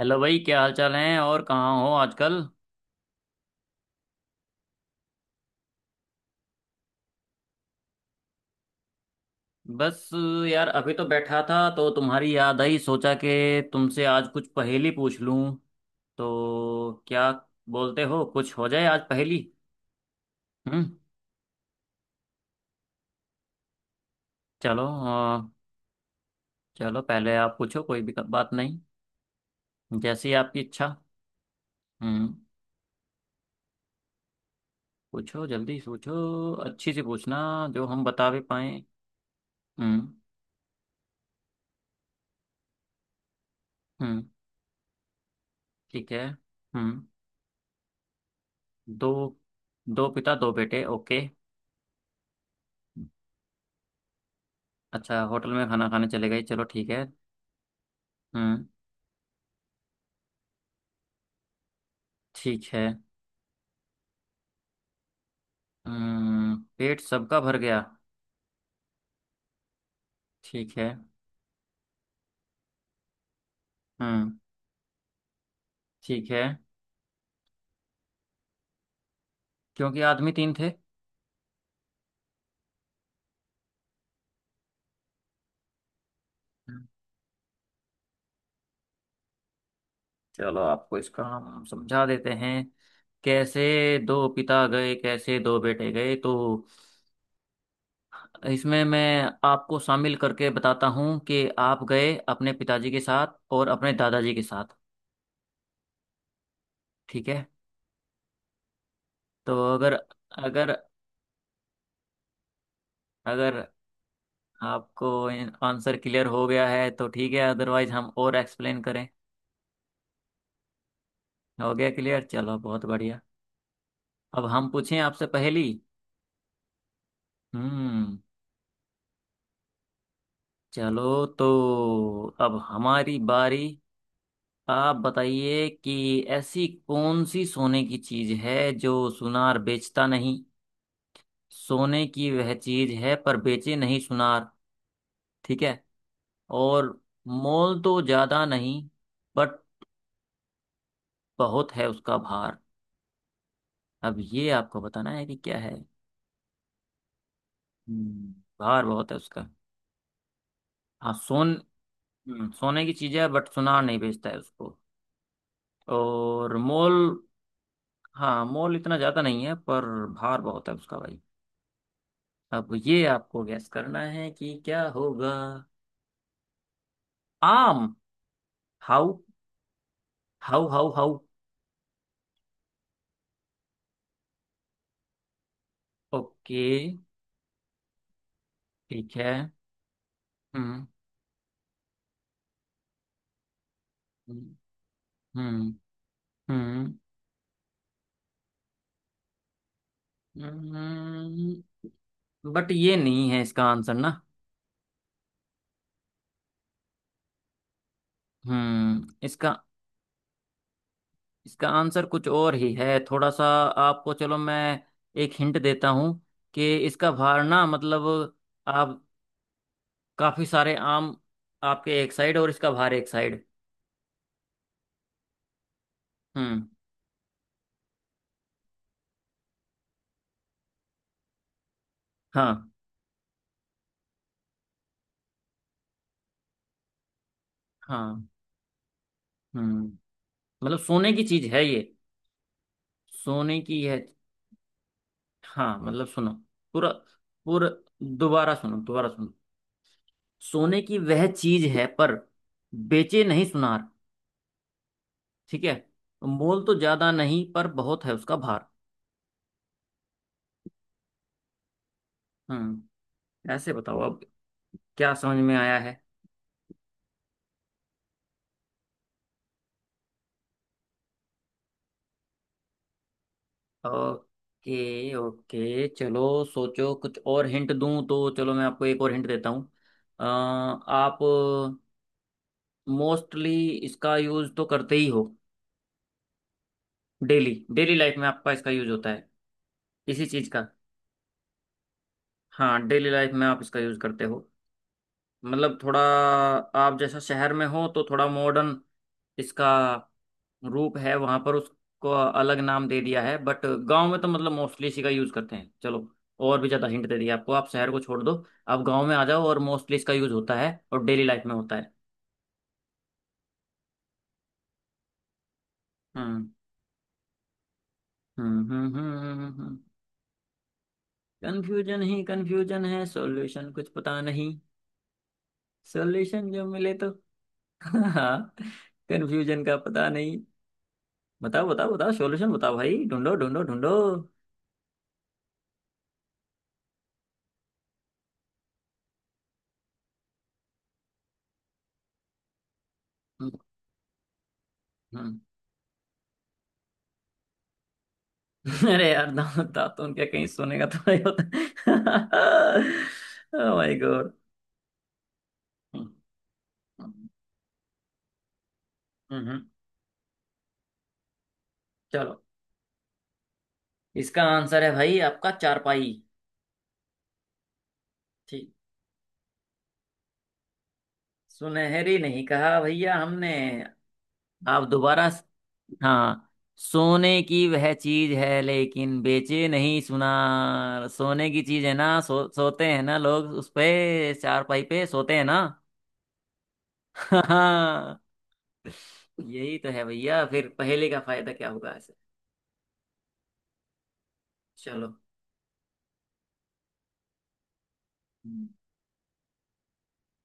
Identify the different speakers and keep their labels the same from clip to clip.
Speaker 1: Hello भाई, क्या हाल चाल है और कहाँ हो आजकल। बस यार, अभी तो बैठा था तो तुम्हारी याद आई। सोचा कि तुमसे आज कुछ पहेली पूछ लूं, तो क्या बोलते हो, कुछ हो जाए आज पहेली। हम्म चलो, चलो पहले आप पूछो, कोई भी बात नहीं, जैसी आपकी इच्छा। हम्म पूछो, जल्दी पूछो, अच्छी सी पूछना जो हम बता भी पाए। हम्म हम्म। ठीक है। हम्म। दो, दो पिता दो बेटे, ओके। अच्छा, होटल में खाना खाने चले गए, चलो ठीक है। हम्म। ठीक है। हम्म, पेट सबका भर गया। ठीक है। हम्म। ठीक है, क्योंकि आदमी तीन थे। हम्म, चलो आपको इसका हम समझा देते हैं। कैसे दो पिता गए, कैसे दो बेटे गए, तो इसमें मैं आपको शामिल करके बताता हूँ कि आप गए अपने पिताजी के साथ और अपने दादाजी के साथ। ठीक है। तो अगर अगर अगर आपको आंसर क्लियर हो गया है तो ठीक है, अदरवाइज हम और एक्सप्लेन करें। हो गया क्लियर, चलो बहुत बढ़िया। अब हम पूछें आपसे पहली। हम्म चलो तो, अब हमारी बारी। आप बताइए कि ऐसी कौन सी सोने की चीज है जो सुनार बेचता नहीं। सोने की वह चीज है पर बेचे नहीं सुनार। ठीक है। और मोल तो ज्यादा नहीं, बट बहुत है उसका भार। अब ये आपको बताना है कि क्या है। हम्म, भार बहुत है उसका। हाँ सोन सोने की चीज है बट सुनार नहीं बेचता है उसको। और मोल हाँ, मोल इतना ज्यादा नहीं है पर भार बहुत है उसका भाई। अब ये आपको गैस करना है कि क्या होगा। आम? How how how? How? Okay. ठीक है। हम्म हम्म हम्म हम्म हम्म, बट ये नहीं है इसका आंसर ना। इसका इसका आंसर कुछ और ही है थोड़ा सा। आपको चलो मैं एक हिंट देता हूं कि इसका भार ना, मतलब आप, काफी सारे आम आपके एक साइड और इसका भार एक साइड। हम्म। हाँ हाँ हम्म, मतलब सोने की चीज है ये, सोने की है हाँ, मतलब सुनो पूरा, पूरा, दोबारा सुनो, दोबारा सुनो। सोने की वह चीज है पर बेचे नहीं सुनार। ठीक है। मोल तो ज्यादा नहीं पर बहुत है उसका भार। हम्म, ऐसे बताओ अब, क्या समझ में आया है। ओके ओके, चलो सोचो, कुछ और हिंट दूं तो चलो मैं आपको एक और हिंट देता हूँ। आप मोस्टली इसका यूज तो करते ही हो, डेली डेली लाइफ में आपका इसका यूज होता है। इसी चीज का। हाँ, डेली लाइफ में आप इसका यूज करते हो। मतलब थोड़ा, आप जैसा शहर में हो तो थोड़ा मॉडर्न इसका रूप है, वहां पर उसको अलग नाम दे दिया है, बट गांव में तो मतलब मोस्टली इसी का यूज करते हैं। चलो, और भी ज्यादा हिंट दे दिया आपको। आप शहर को छोड़ दो, आप गांव में आ जाओ, और मोस्टली इसका यूज होता है और डेली लाइफ में होता है। हम्म। हम्म कंफ्यूजन ही कंफ्यूजन है, सॉल्यूशन कुछ पता नहीं। सॉल्यूशन जो मिले तो हाँ, कंफ्यूजन का पता नहीं। बताओ बताओ बताओ, सॉल्यूशन बताओ भाई, ढूंढो ढूंढो ढूंढो। हम्म हम्म। अरे यार, दांत दांत तो उनके कहीं सोने का तो नहीं होता। ओ माय गॉड। हम्म हम्म, हम्म। चलो, इसका आंसर है भाई आपका, चारपाई। ठीक, सुनहरी नहीं कहा भैया हमने। आप दोबारा। हाँ, सोने की वह चीज है लेकिन बेचे नहीं सुना। सोने की चीज है ना, सोते हैं ना लोग उस पे, चारपाई पे सोते हैं ना। हाँ, यही तो है भैया, फिर पहेली का फायदा क्या होगा ऐसे। चलो,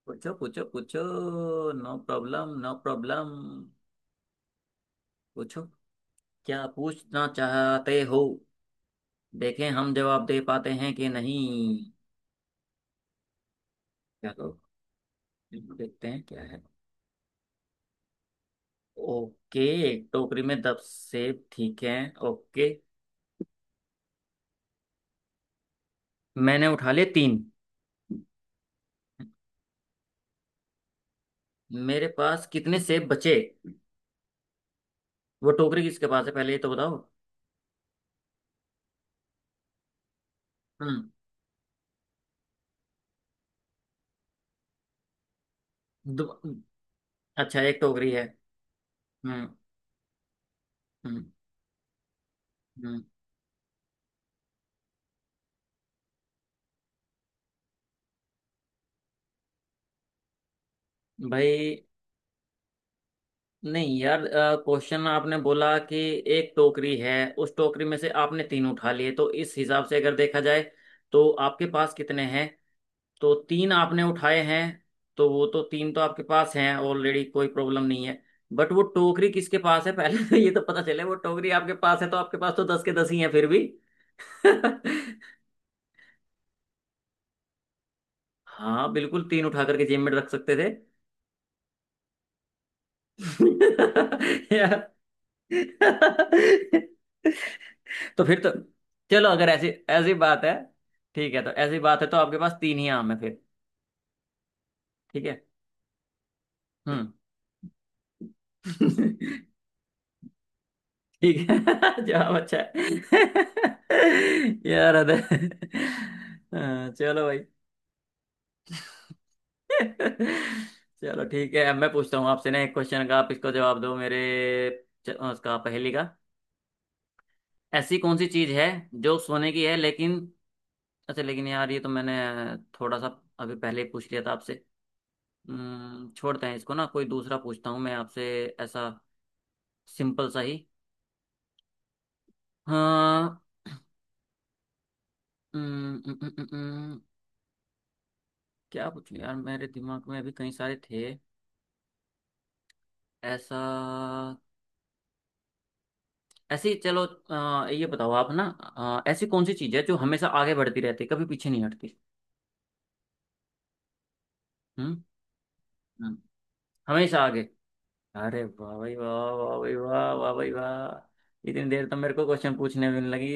Speaker 1: पूछो पूछो पूछो, नो प्रॉब्लम नो प्रॉब्लम, पूछो, क्या पूछना चाहते हो, देखें हम जवाब दे पाते हैं कि नहीं। चलो, देखते हैं क्या है। ओके, एक टोकरी में दस सेब, ठीक है, ओके। मैंने उठा लिए तीन। मेरे पास कितने सेब बचे? वो टोकरी किसके पास है, पहले ये तो बताओ। हम्म। दो- अच्छा, एक टोकरी है। हम्म हम्म हम्म भाई, नहीं यार, क्वेश्चन आपने बोला कि एक टोकरी है, उस टोकरी में से आपने तीन उठा लिए, तो इस हिसाब से अगर देखा जाए तो आपके पास कितने हैं? तो तीन आपने उठाए हैं, तो वो तो तीन तो आपके पास हैं ऑलरेडी, कोई प्रॉब्लम नहीं है। बट वो टोकरी किसके पास है? पहले तो ये तो पता चले, वो टोकरी आपके पास है तो आपके पास तो दस के दस ही हैं फिर भी। हाँ बिल्कुल, तीन उठा करके जेब में रख सकते थे। यार, तो फिर तो, चलो अगर ऐसी ऐसी बात है ठीक है, तो ऐसी बात है तो आपके पास तीन ही आम है फिर। ठीक है। हम्म। ठीक है। जवाब अच्छा है। यार अदर हाँ, चलो भाई। चलो ठीक है, अब मैं पूछता हूँ आपसे ना, एक क्वेश्चन का आप इसको जवाब दो मेरे, उसका पहेली का। ऐसी कौन सी चीज है जो सोने की है लेकिन, अच्छा लेकिन यार ये तो मैंने थोड़ा सा अभी पहले ही पूछ लिया था आपसे। छोड़ते हैं इसको ना, कोई दूसरा पूछता हूँ मैं आपसे, ऐसा सिंपल सा ही। हाँ। हम्म, हम्म, हम्म, हम्म, हम्म, क्या पूछूं यार, मेरे दिमाग में अभी कई सारे थे। ऐसा ऐसी चलो, ये बताओ आप ना, ऐसी कौन सी चीज़ है जो हमेशा आगे बढ़ती रहती है, कभी पीछे नहीं हटती। हम्म हम्म, हमेशा आगे, अरे वाह भाई वाह, वाह भाई वाह, वाह भाई वाह, इतनी देर तो मेरे को क्वेश्चन पूछने में लगी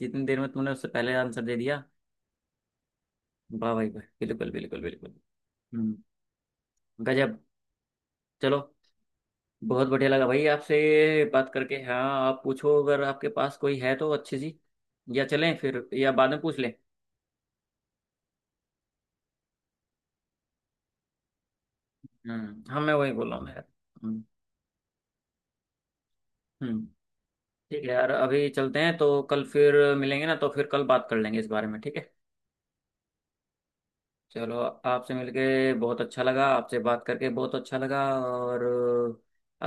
Speaker 1: जितनी देर में तुमने उससे पहले आंसर दे दिया। वाह भाई वाह, बिल्कुल बिल्कुल बिल्कुल। हम्म, गजब। चलो, बहुत बढ़िया लगा भाई आपसे बात करके, हाँ। आप पूछो अगर आपके पास कोई है तो अच्छी सी, या चलें फिर, या बाद में पूछ लें। हम्म, हाँ मैं वही बोल रहा हूँ यार। हम्म हम्म, ठीक है यार, अभी चलते हैं तो कल फिर मिलेंगे ना, तो फिर कल बात कर लेंगे इस बारे में, ठीक है। चलो, आपसे मिलके बहुत अच्छा लगा, आपसे बात करके बहुत अच्छा लगा। और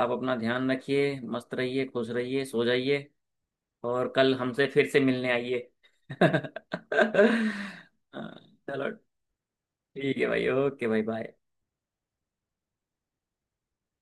Speaker 1: आप अपना ध्यान रखिए, मस्त रहिए, खुश रहिए, सो जाइए, और कल हमसे फिर से मिलने आइए। चलो ठीक है भाई, ओके भाई, बाय।